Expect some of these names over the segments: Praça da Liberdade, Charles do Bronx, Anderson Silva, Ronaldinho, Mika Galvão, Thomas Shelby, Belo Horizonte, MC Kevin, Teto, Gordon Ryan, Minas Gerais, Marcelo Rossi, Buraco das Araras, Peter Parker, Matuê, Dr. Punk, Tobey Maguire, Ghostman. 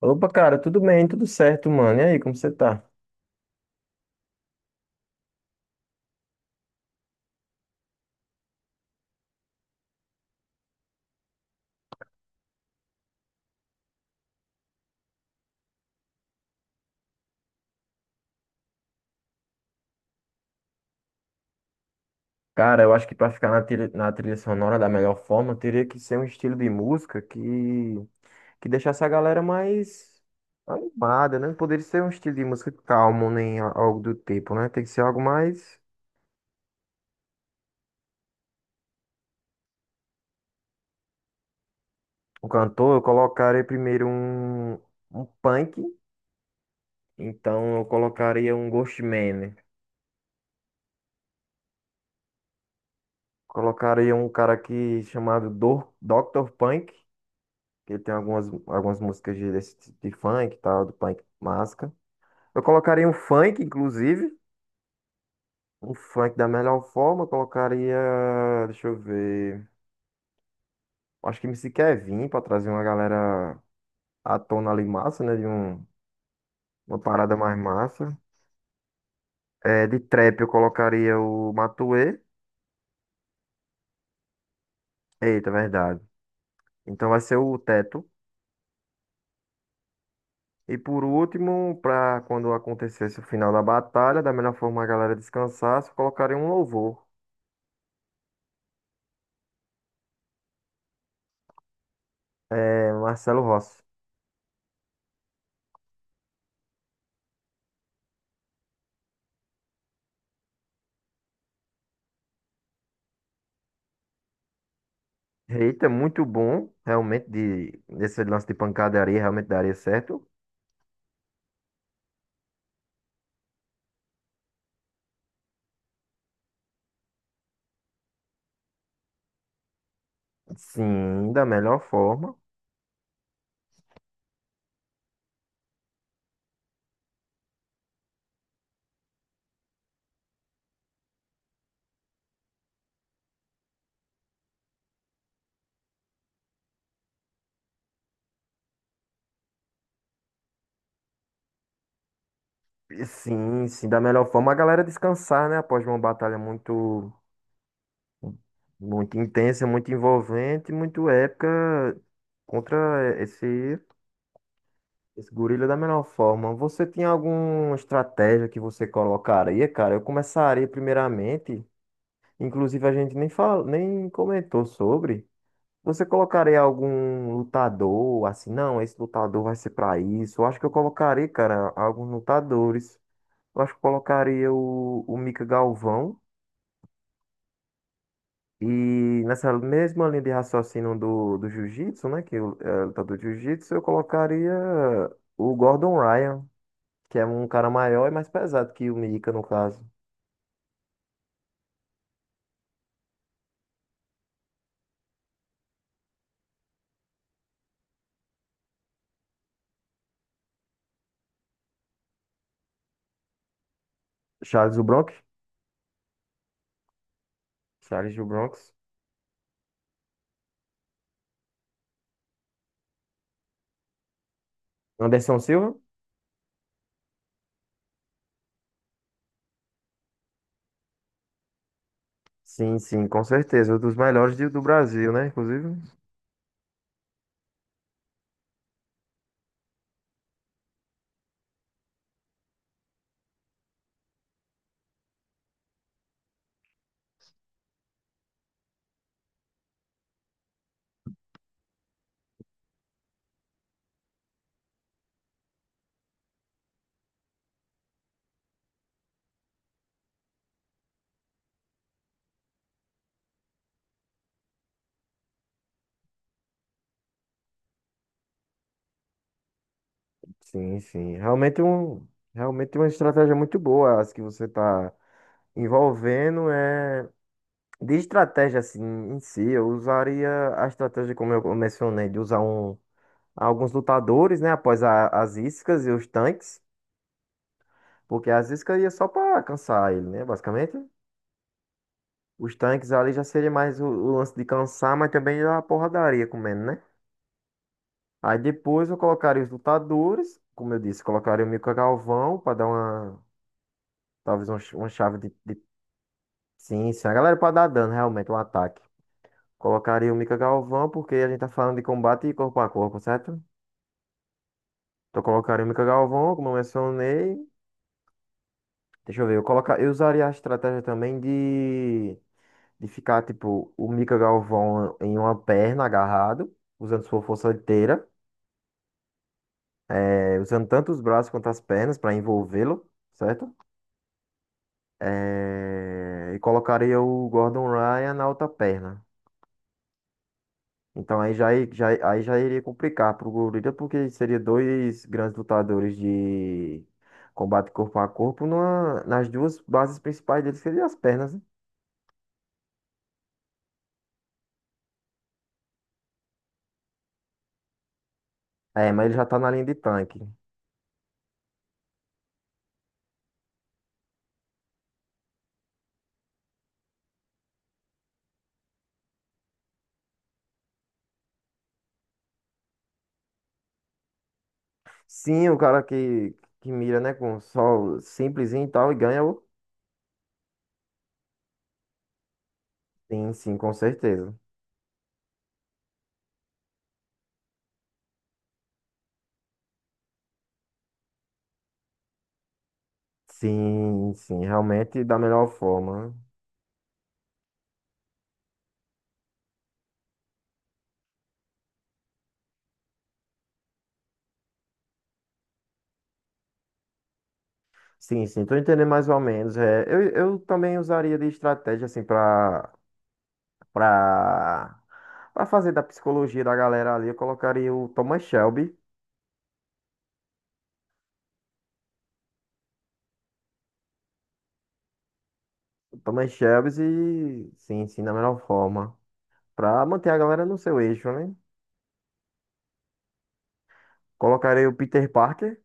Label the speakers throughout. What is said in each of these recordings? Speaker 1: Opa, cara, tudo bem, tudo certo, mano. E aí, como você tá? Cara, eu acho que pra ficar na trilha sonora da melhor forma, teria que ser um estilo de música que deixasse a galera mais animada, né? Não poderia ser um estilo de música calmo, nem algo do tipo, né? Tem que ser algo mais. O cantor, eu colocaria primeiro um punk, então eu colocaria um Ghostman, né? Colocaria um cara aqui chamado Dr. Punk. Que tem algumas músicas desse tipo de funk e tal, do punk masca. Eu colocaria um funk, inclusive. Um funk da melhor forma. Eu colocaria. Deixa eu ver. Acho que MC Kevin pra trazer uma galera à tona ali massa, né? Uma parada mais massa. É, de trap eu colocaria o Matuê. Eita, verdade. Então vai ser o Teto. E por último, pra quando acontecesse o final da batalha, da melhor forma a galera descansasse, eu colocaria um louvor. É, Marcelo Rossi. Eita, é muito bom, realmente, esse lance de pancadaria, realmente daria certo. Sim, da melhor forma. E sim, sim, da melhor forma a galera descansar, né? Após uma batalha muito intensa, muito envolvente, muito épica contra esse, esse gorila da melhor forma. Você tinha alguma estratégia que você colocaria, cara? Eu começaria primeiramente, inclusive a gente nem fala, nem comentou sobre. Você colocaria algum lutador assim? Não, esse lutador vai ser pra isso. Eu acho que eu colocaria, cara, alguns lutadores. Eu acho que eu colocaria o Mika Galvão. E nessa mesma linha de raciocínio do jiu-jitsu, né? É lutador de jiu-jitsu, eu colocaria o Gordon Ryan, que é um cara maior e mais pesado que o Mika, no caso. Charles do Bronx? Charles do Bronx. Anderson Silva? Sim, sim, com certeza. Um dos melhores do Brasil, né? Inclusive. Sim, sim. Realmente uma estratégia muito boa, as que você está envolvendo é de estratégia assim em si, eu usaria a estratégia como eu mencionei de usar um alguns lutadores, né, após as iscas e os tanques, porque as iscas ia só para cansar ele, né, basicamente. Os tanques ali já seria mais o lance de cansar, mas também a porradaria comendo, né? Aí depois eu colocaria os lutadores, como eu disse, colocaria o Mika Galvão para dar uma talvez uma, uma chave de. Sim, sim. A galera pode dar dano, realmente, um ataque. Colocaria o Mika Galvão, porque a gente tá falando de combate corpo a corpo, certo? Então colocaria o Mika Galvão, como eu mencionei. Deixa eu ver, eu usaria a estratégia também de ficar, tipo, o Mika Galvão em uma perna agarrado, usando sua força inteira, usando tanto os braços quanto as pernas para envolvê-lo, certo? E colocaria o Gordon Ryan na outra perna. Então aí já, i- aí já iria complicar pro gorila, porque seria dois grandes lutadores de combate corpo a corpo nas duas bases principais dele, que seriam as pernas, né? É, mas ele já tá na linha de tanque. Sim, o cara que mira, né, com só simplesinho e tal, e ganha o... Sim, sim, com certeza. Sim, sim, realmente da melhor forma. Sim, sim, tô entendendo mais ou menos. É, eu também usaria de estratégia, assim, Pra, pra fazer da psicologia da galera ali, eu colocaria o Thomas Shelby. O Thomas Shelby, e, sim, sim, da melhor forma. Pra manter a galera no seu eixo, né? Colocarei o Peter Parker,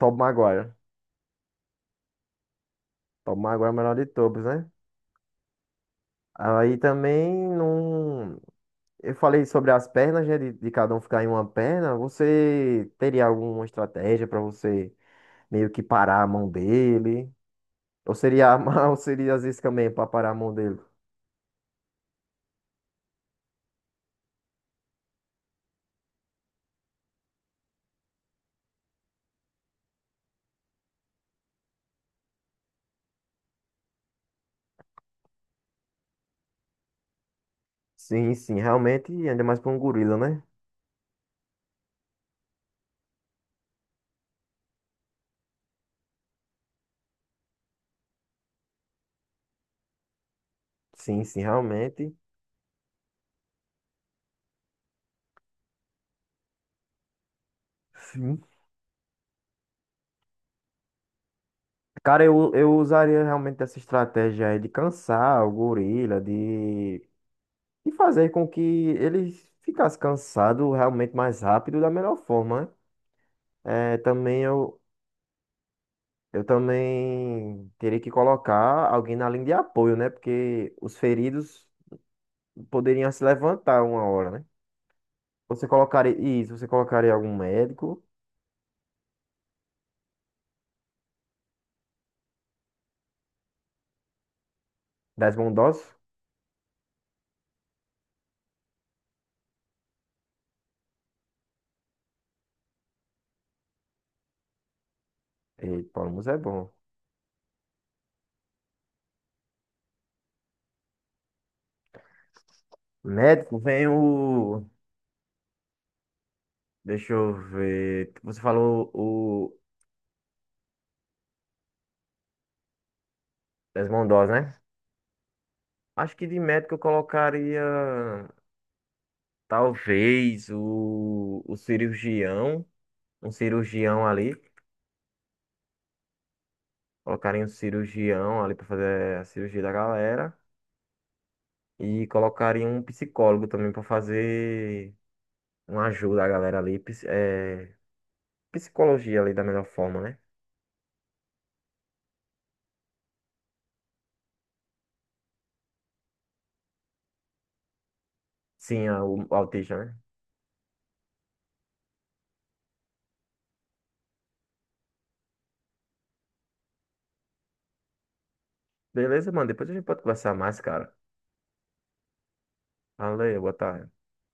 Speaker 1: Tobey Maguire. Tobey Maguire é o melhor de todos, né? Aí também não. Eu falei sobre as pernas, né? De cada um ficar em uma perna. Você teria alguma estratégia pra você meio que parar a mão dele? Ou seria, ou seria às vezes também pra parar a mão dele? Sim, sim, realmente, ainda mais pra um gorila, né? Sim, sim, realmente. Sim. Cara, eu usaria realmente essa estratégia aí de cansar o gorila, de fazer com que ele ficasse cansado realmente mais rápido da melhor forma, né? É, eu também teria que colocar alguém na linha de apoio, né? Porque os feridos poderiam se levantar uma hora, né? Você colocaria, isso, você colocaria algum médico, das bondosas? Eita, Paulo Musa é bom. Médico vem o. Deixa eu ver. Você falou o Lesmondós, né? Acho que de médico eu colocaria talvez o cirurgião, um cirurgião ali. Colocaria um cirurgião ali para fazer a cirurgia da galera. E colocaria um psicólogo também para fazer uma ajuda à galera ali. Psicologia ali da melhor forma, né? Sim, o autista, né? Beleza, mano. Depois a gente pode conversar mais, cara. Valeu, boa tarde.